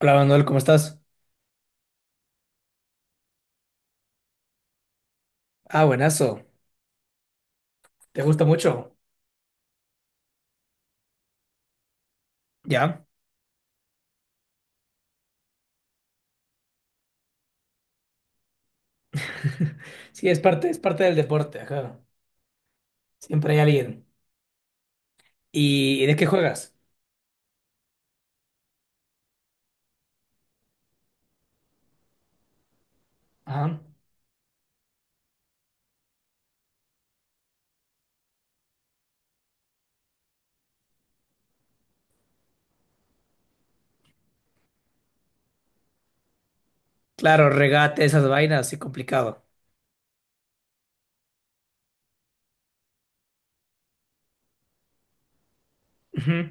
Hola Manuel, ¿cómo estás? Ah, buenazo. ¿Te gusta mucho? ¿Ya? Sí, es parte del deporte, ajá. Siempre hay alguien. ¿Y de qué juegas? Ajá. Claro, regate, esas vainas, sí, complicado. Ujú.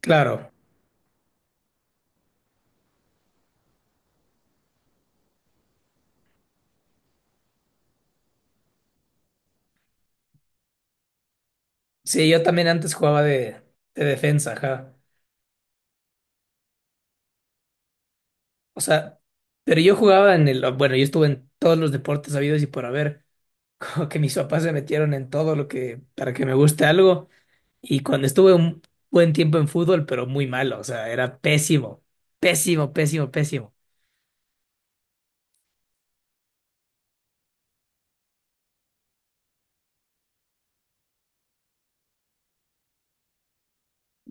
Claro. Sí, yo también antes jugaba de defensa, ajá. O sea, pero yo jugaba en el, bueno, yo estuve en todos los deportes habidos y por haber. Como que mis papás se metieron en todo lo que, para que me guste algo. Y cuando estuve un buen tiempo en fútbol, pero muy malo, o sea, era pésimo, pésimo, pésimo, pésimo.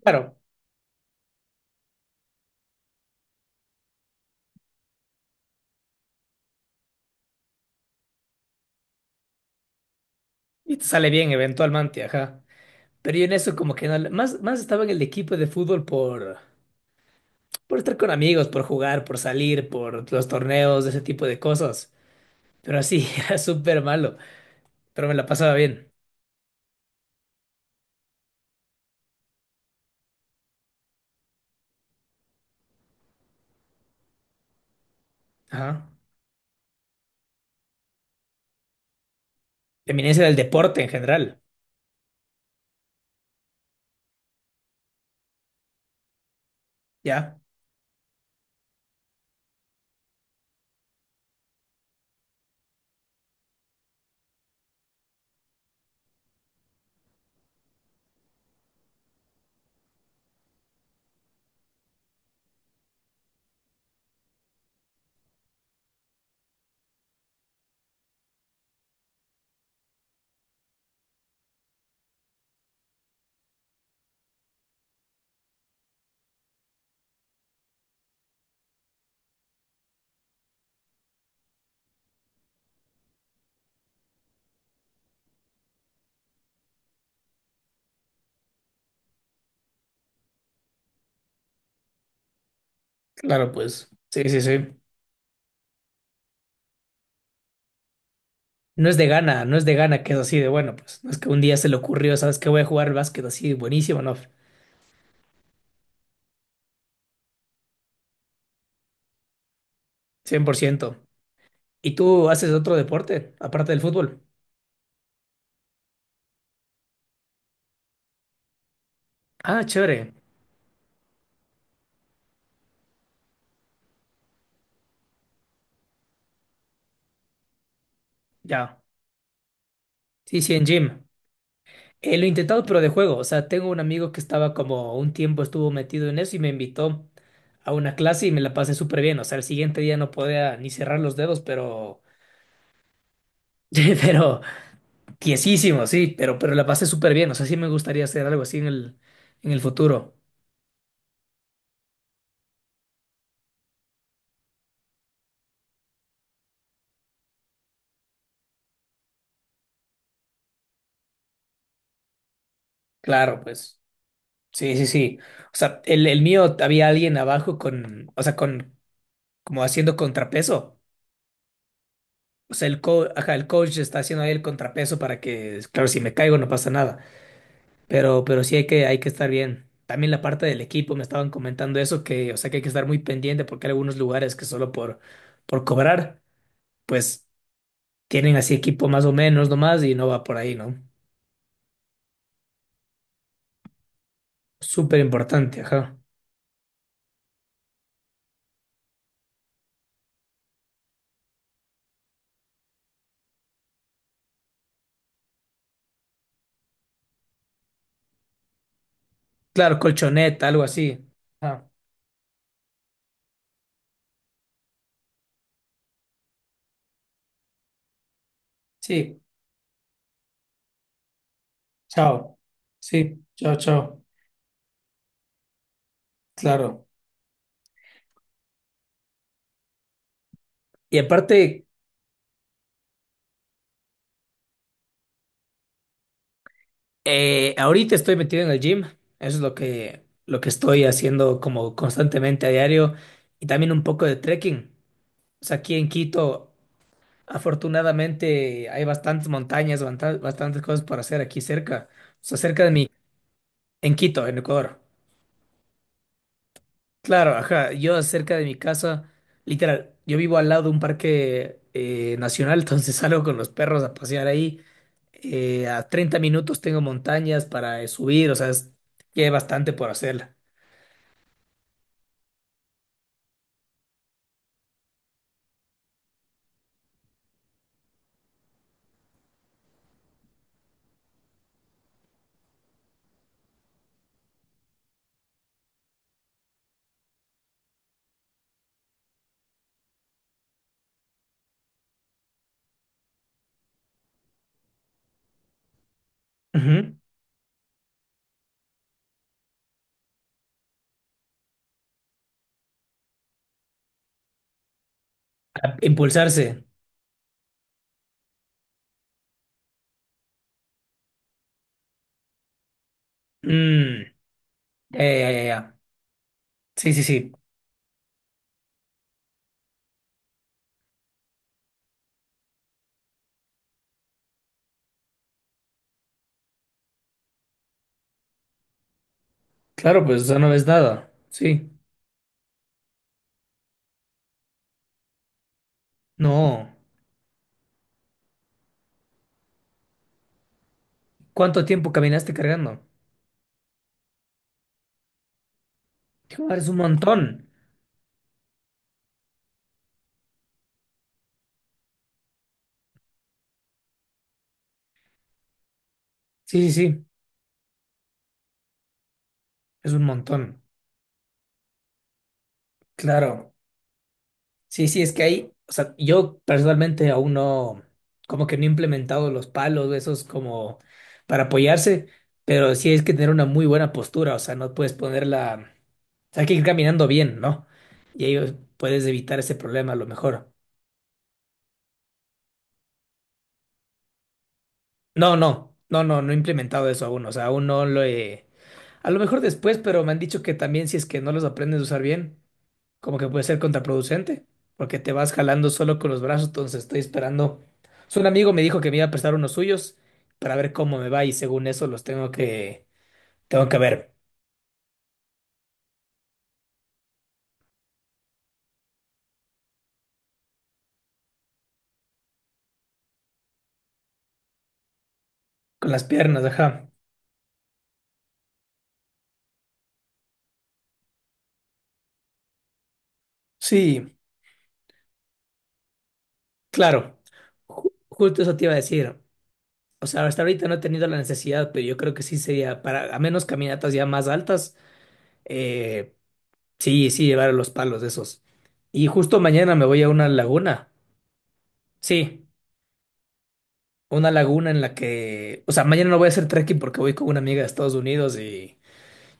Claro, y te sale bien eventualmente, ajá. Pero yo en eso como que no, más estaba en el equipo de fútbol por estar con amigos, por jugar, por salir, por los torneos, ese tipo de cosas. Pero así, era súper malo, pero me la pasaba bien. Ajá. Eminencia del deporte en general. ¿Ya? Claro, pues. Sí, sí, sí. No es de gana, no es de gana que es así de bueno, pues no es que un día se le ocurrió, sabes, que voy a jugar básquet así, buenísimo, no, 100%. ¿Y tú haces otro deporte, aparte del fútbol? Ah, chévere, ya. Sí, sí, en gym. Lo he intentado, pero de juego. O sea, tengo un amigo que estaba como un tiempo estuvo metido en eso y me invitó a una clase y me la pasé súper bien. O sea, el siguiente día no podía ni cerrar los dedos, pero, pero, tiesísimo, sí, pero la pasé súper bien. O sea, sí me gustaría hacer algo así en el futuro. Claro, pues. Sí, sí, sí. O sea, el mío había alguien abajo con, o sea, con, como haciendo contrapeso. O sea, el coach, ajá, el coach está haciendo ahí el contrapeso para que, claro, si me caigo no pasa nada. Pero sí hay que estar bien. También la parte del equipo, me estaban comentando eso, que, o sea, que hay que estar muy pendiente porque hay algunos lugares que solo por cobrar, pues tienen así equipo más o menos nomás y no va por ahí, ¿no? Súper importante, ajá. Claro, colchoneta, algo así. Ajá. Sí, chao. Sí, chao, chao. Claro. Y aparte, ahorita estoy metido en el gym. Eso es lo que estoy haciendo como constantemente a diario. Y también un poco de trekking. O sea, aquí en Quito, afortunadamente, hay bastantes montañas, bastantes cosas para hacer aquí cerca. O sea, cerca de mí, en Quito, en Ecuador. Claro, ajá. Yo cerca de mi casa, literal, yo vivo al lado de un parque nacional, entonces salgo con los perros a pasear ahí. A 30 minutos tengo montañas para subir, o sea, que hay bastante por hacerla. Ujú. Impulsarse. Mm, ya, ya, ya, ya. Sí, sí, sí. Claro, pues eso no ves nada. Sí. No. ¿Cuánto tiempo caminaste cargando? Joder, es un montón. Sí, sí, sí. Es un montón. Claro. Sí, sí, es que hay, o sea, yo personalmente aún no, como que no he implementado los palos, esos como para apoyarse, pero sí es que tener una muy buena postura, o sea, no puedes ponerla, o sea, hay que ir caminando bien, ¿no? Y ahí puedes evitar ese problema a lo mejor. No, no, no, no, no he implementado eso aún, o sea, aún no lo he, a lo mejor después, pero me han dicho que también si es que no los aprendes a usar bien, como que puede ser contraproducente, porque te vas jalando solo con los brazos, entonces estoy esperando. So, un amigo me dijo que me iba a prestar unos suyos para ver cómo me va y según eso los tengo que ver con las piernas, ajá. Sí, claro. Justo eso te iba a decir. O sea, hasta ahorita no he tenido la necesidad, pero yo creo que sí sería para, a menos caminatas ya más altas, eh, sí, sí llevar los palos de esos. Y justo mañana me voy a una laguna. Sí. Una laguna en la que, o sea, mañana no voy a hacer trekking porque voy con una amiga de Estados Unidos y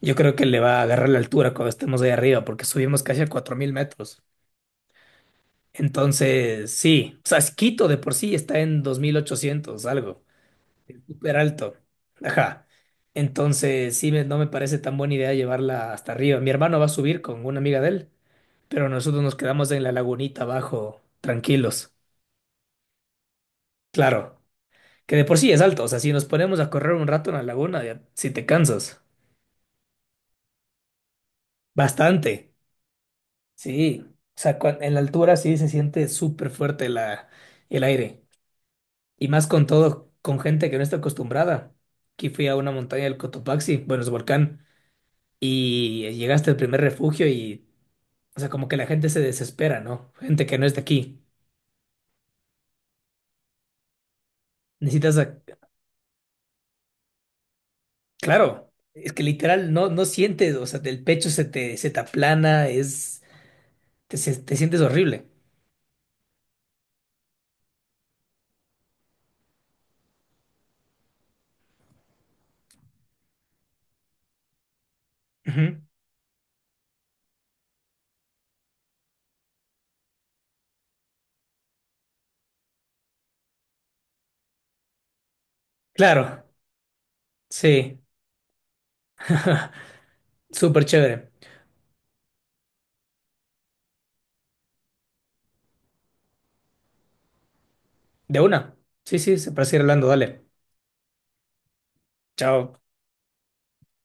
yo creo que le va a agarrar la altura cuando estemos ahí arriba porque subimos casi a 4.000 metros. Entonces, sí, o sea, es Quito de por sí está en 2.800 algo, súper alto. Ajá. Entonces, sí, no me parece tan buena idea llevarla hasta arriba. Mi hermano va a subir con una amiga de él, pero nosotros nos quedamos en la lagunita abajo, tranquilos. Claro, que de por sí es alto, o sea, si nos ponemos a correr un rato en la laguna, ya, si te cansas. Bastante, sí. O sea, en la altura sí se siente súper fuerte el aire. Y más con todo, con gente que no está acostumbrada. Aquí fui a una montaña del Cotopaxi, bueno, es volcán, y llegaste al primer refugio y, o sea, como que la gente se desespera, ¿no? Gente que no es de aquí. Necesitas, claro, es que literal no, no sientes, o sea, del pecho se te aplana, es, te sientes horrible. Ujú. Claro, sí. Súper chévere. De una. Sí, sí, se parece ir hablando, dale. Chao.